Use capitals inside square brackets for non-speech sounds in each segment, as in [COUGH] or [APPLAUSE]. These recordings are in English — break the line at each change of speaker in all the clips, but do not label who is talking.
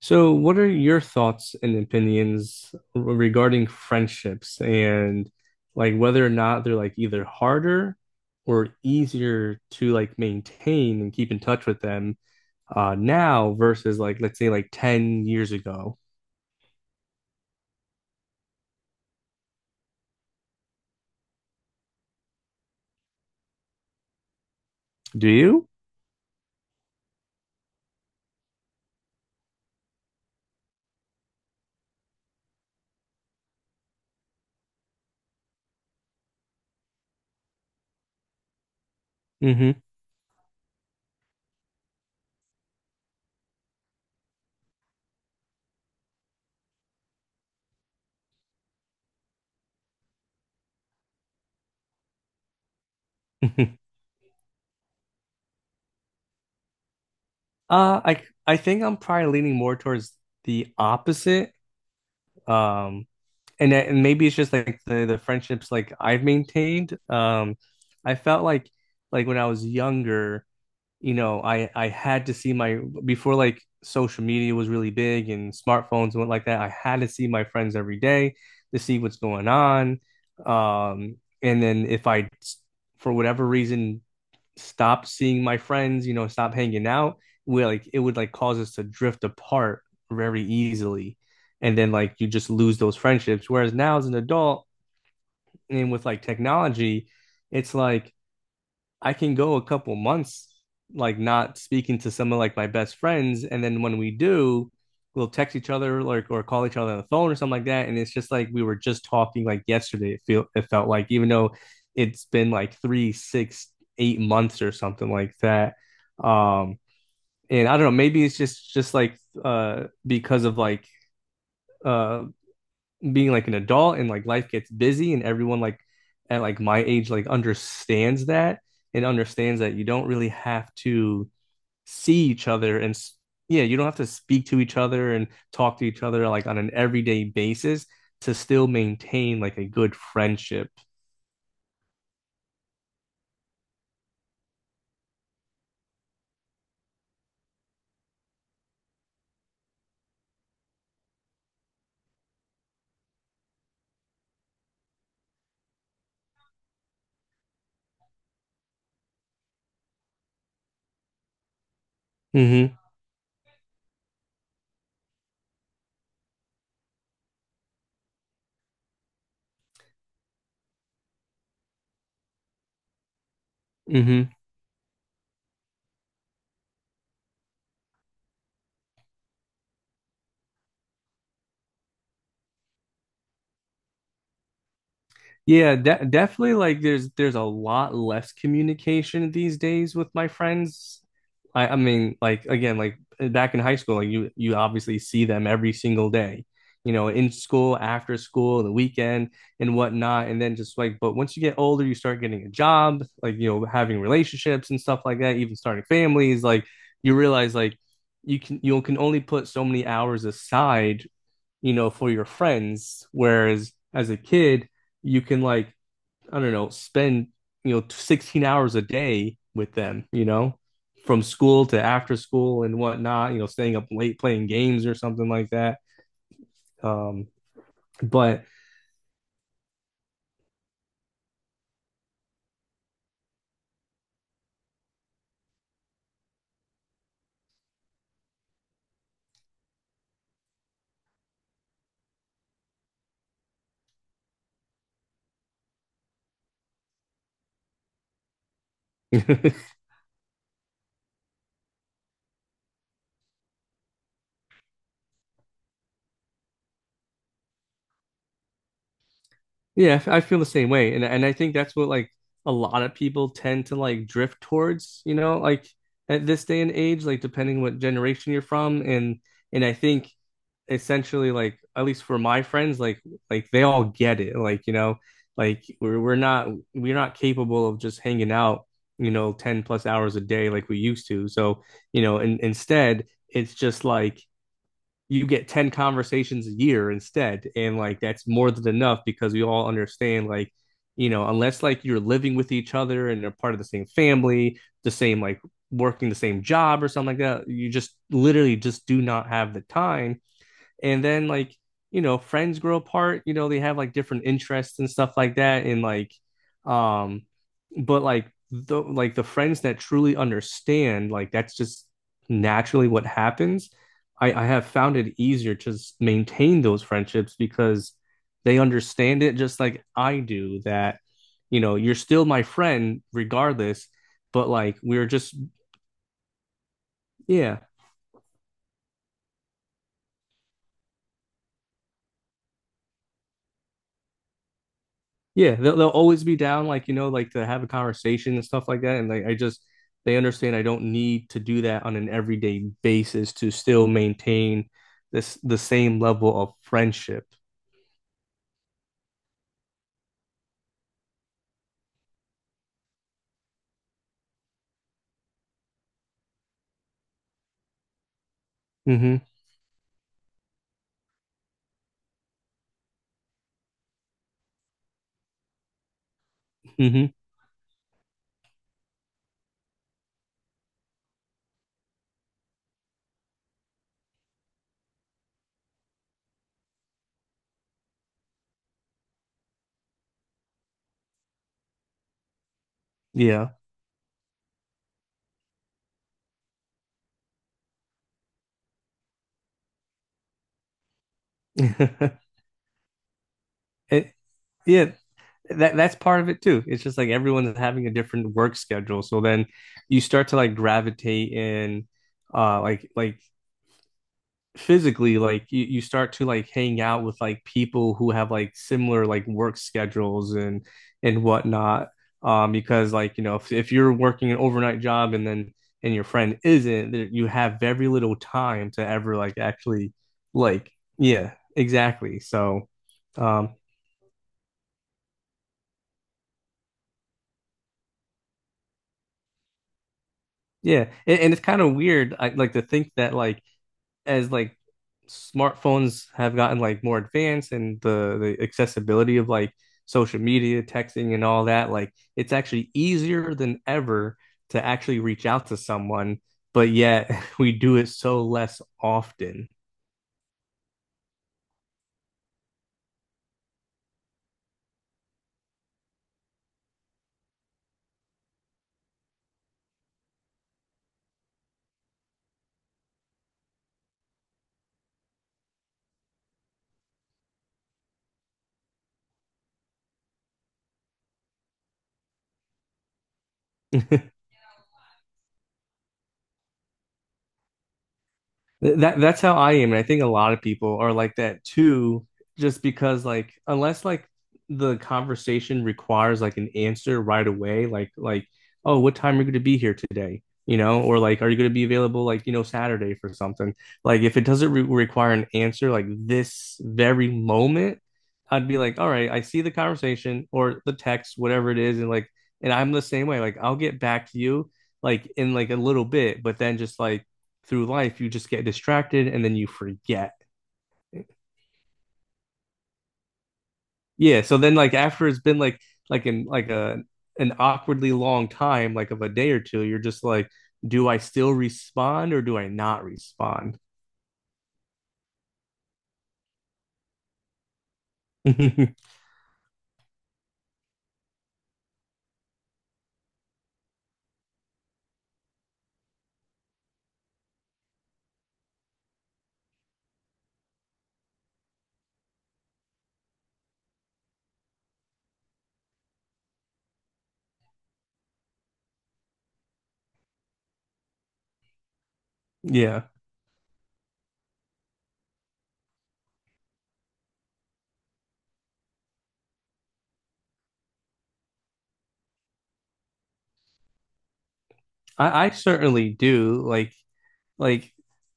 So, what are your thoughts and opinions regarding friendships and like whether or not they're like either harder or easier to like maintain and keep in touch with them now versus like let's say like 10 years ago? Do you? Hmm [LAUGHS] I think I'm probably leaning more towards the opposite. Um, and maybe it's just like the friendships like I've maintained. I felt like when I was younger. You know, I had to see my before like social media was really big and smartphones went like that. I had to see my friends every day to see what's going on. And then if I, for whatever reason, stopped seeing my friends, you know, stop hanging out, we like it would like cause us to drift apart very easily, and then like you just lose those friendships. Whereas now as an adult and with like technology, it's like I can go a couple months like not speaking to some of like my best friends, and then when we do, we'll text each other like or call each other on the phone or something like that, and it's just like we were just talking like yesterday. It felt like even though it's been like 3, 6, 8 months or something like that. Um, and I don't know, maybe it's just like because of like uh being like an adult and like life gets busy and everyone like at like my age like understands that and understands that you don't really have to see each other and yeah, you don't have to speak to each other and talk to each other like on an everyday basis to still maintain like a good friendship. Hmm hmm Yeah, de definitely like there's a lot less communication these days with my friends. I mean, like again, like back in high school, like you obviously see them every single day, you know, in school, after school, the weekend and whatnot. And then just like, but once you get older, you start getting a job, like you know, having relationships and stuff like that, even starting families, like you realize like you can only put so many hours aside you know, for your friends. Whereas as a kid, you can like, I don't know, spend, you know, 16 hours a day with them, you know, from school to after school and whatnot, you know, staying up late playing games or something like that. Um, but [LAUGHS] yeah, I feel the same way. And I think that's what like a lot of people tend to like drift towards, you know, like at this day and age, like depending what generation you're from. And I think essentially like at least for my friends like they all get it like you know like we're not capable of just hanging out you know 10 plus hours a day like we used to so you know and instead it's just like you get 10 conversations a year instead and like that's more than enough because we all understand like you know unless like you're living with each other and they are part of the same family the same like working the same job or something like that you just literally just do not have the time and then like, you know, friends grow apart, you know, they have like different interests and stuff like that. And like, um, but like the friends that truly understand, like that's just naturally what happens. I have found it easier to maintain those friendships because they understand it just like I do that, you know, you're still my friend regardless, but like we're just yeah. Yeah, they'll always be down, like you know, like to have a conversation and stuff like that. And like I just they understand I don't need to do that on an everyday basis to still maintain this the same level of friendship. Hmm hmm Yeah. [LAUGHS] It, yeah, that's part of it too. It's just like everyone's having a different work schedule. So then you start to like gravitate in like physically like you start to like hang out with like people who have like similar like work schedules and whatnot because like you know if you're working an overnight job and then and your friend isn't there- you have very little time to ever like actually like yeah exactly so um yeah and it's kind of weird I, like to think that like as like smartphones have gotten like more advanced and the accessibility of like social media, texting and all that, like it's actually easier than ever to actually reach out to someone, but yet [LAUGHS] we do it so less often. [LAUGHS] That's how I am, and I think a lot of people are like that too, just because like unless like the conversation requires like an answer right away, like oh, what time are you going to be here today? You know, or like are you going to be available like you know Saturday for something? Like if it doesn't re require an answer like this very moment, I'd be like, all right, I see the conversation or the text, whatever it is, and like and I'm the same way. Like I'll get back to you like in like a little bit, but then just like through life you just get distracted and then you forget yeah so then like after it's been like in like a an awkwardly long time like of a day or two you're just like do I still respond or do I not respond. [LAUGHS] Yeah, I certainly do like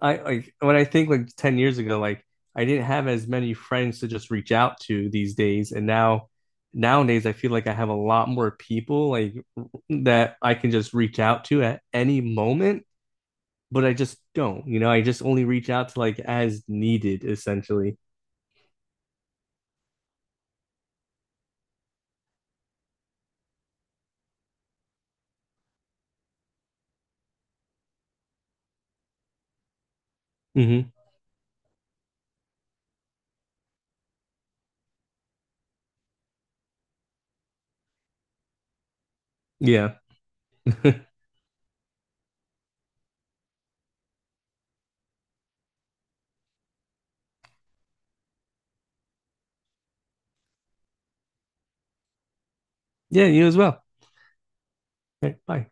I like when I think like 10 years ago, like I didn't have as many friends to just reach out to these days. And now nowadays I feel like I have a lot more people like that I can just reach out to at any moment, but I just don't, you know, I just only reach out to like as needed essentially. Hmm Yeah. [LAUGHS] Yeah, you as well. Okay, bye.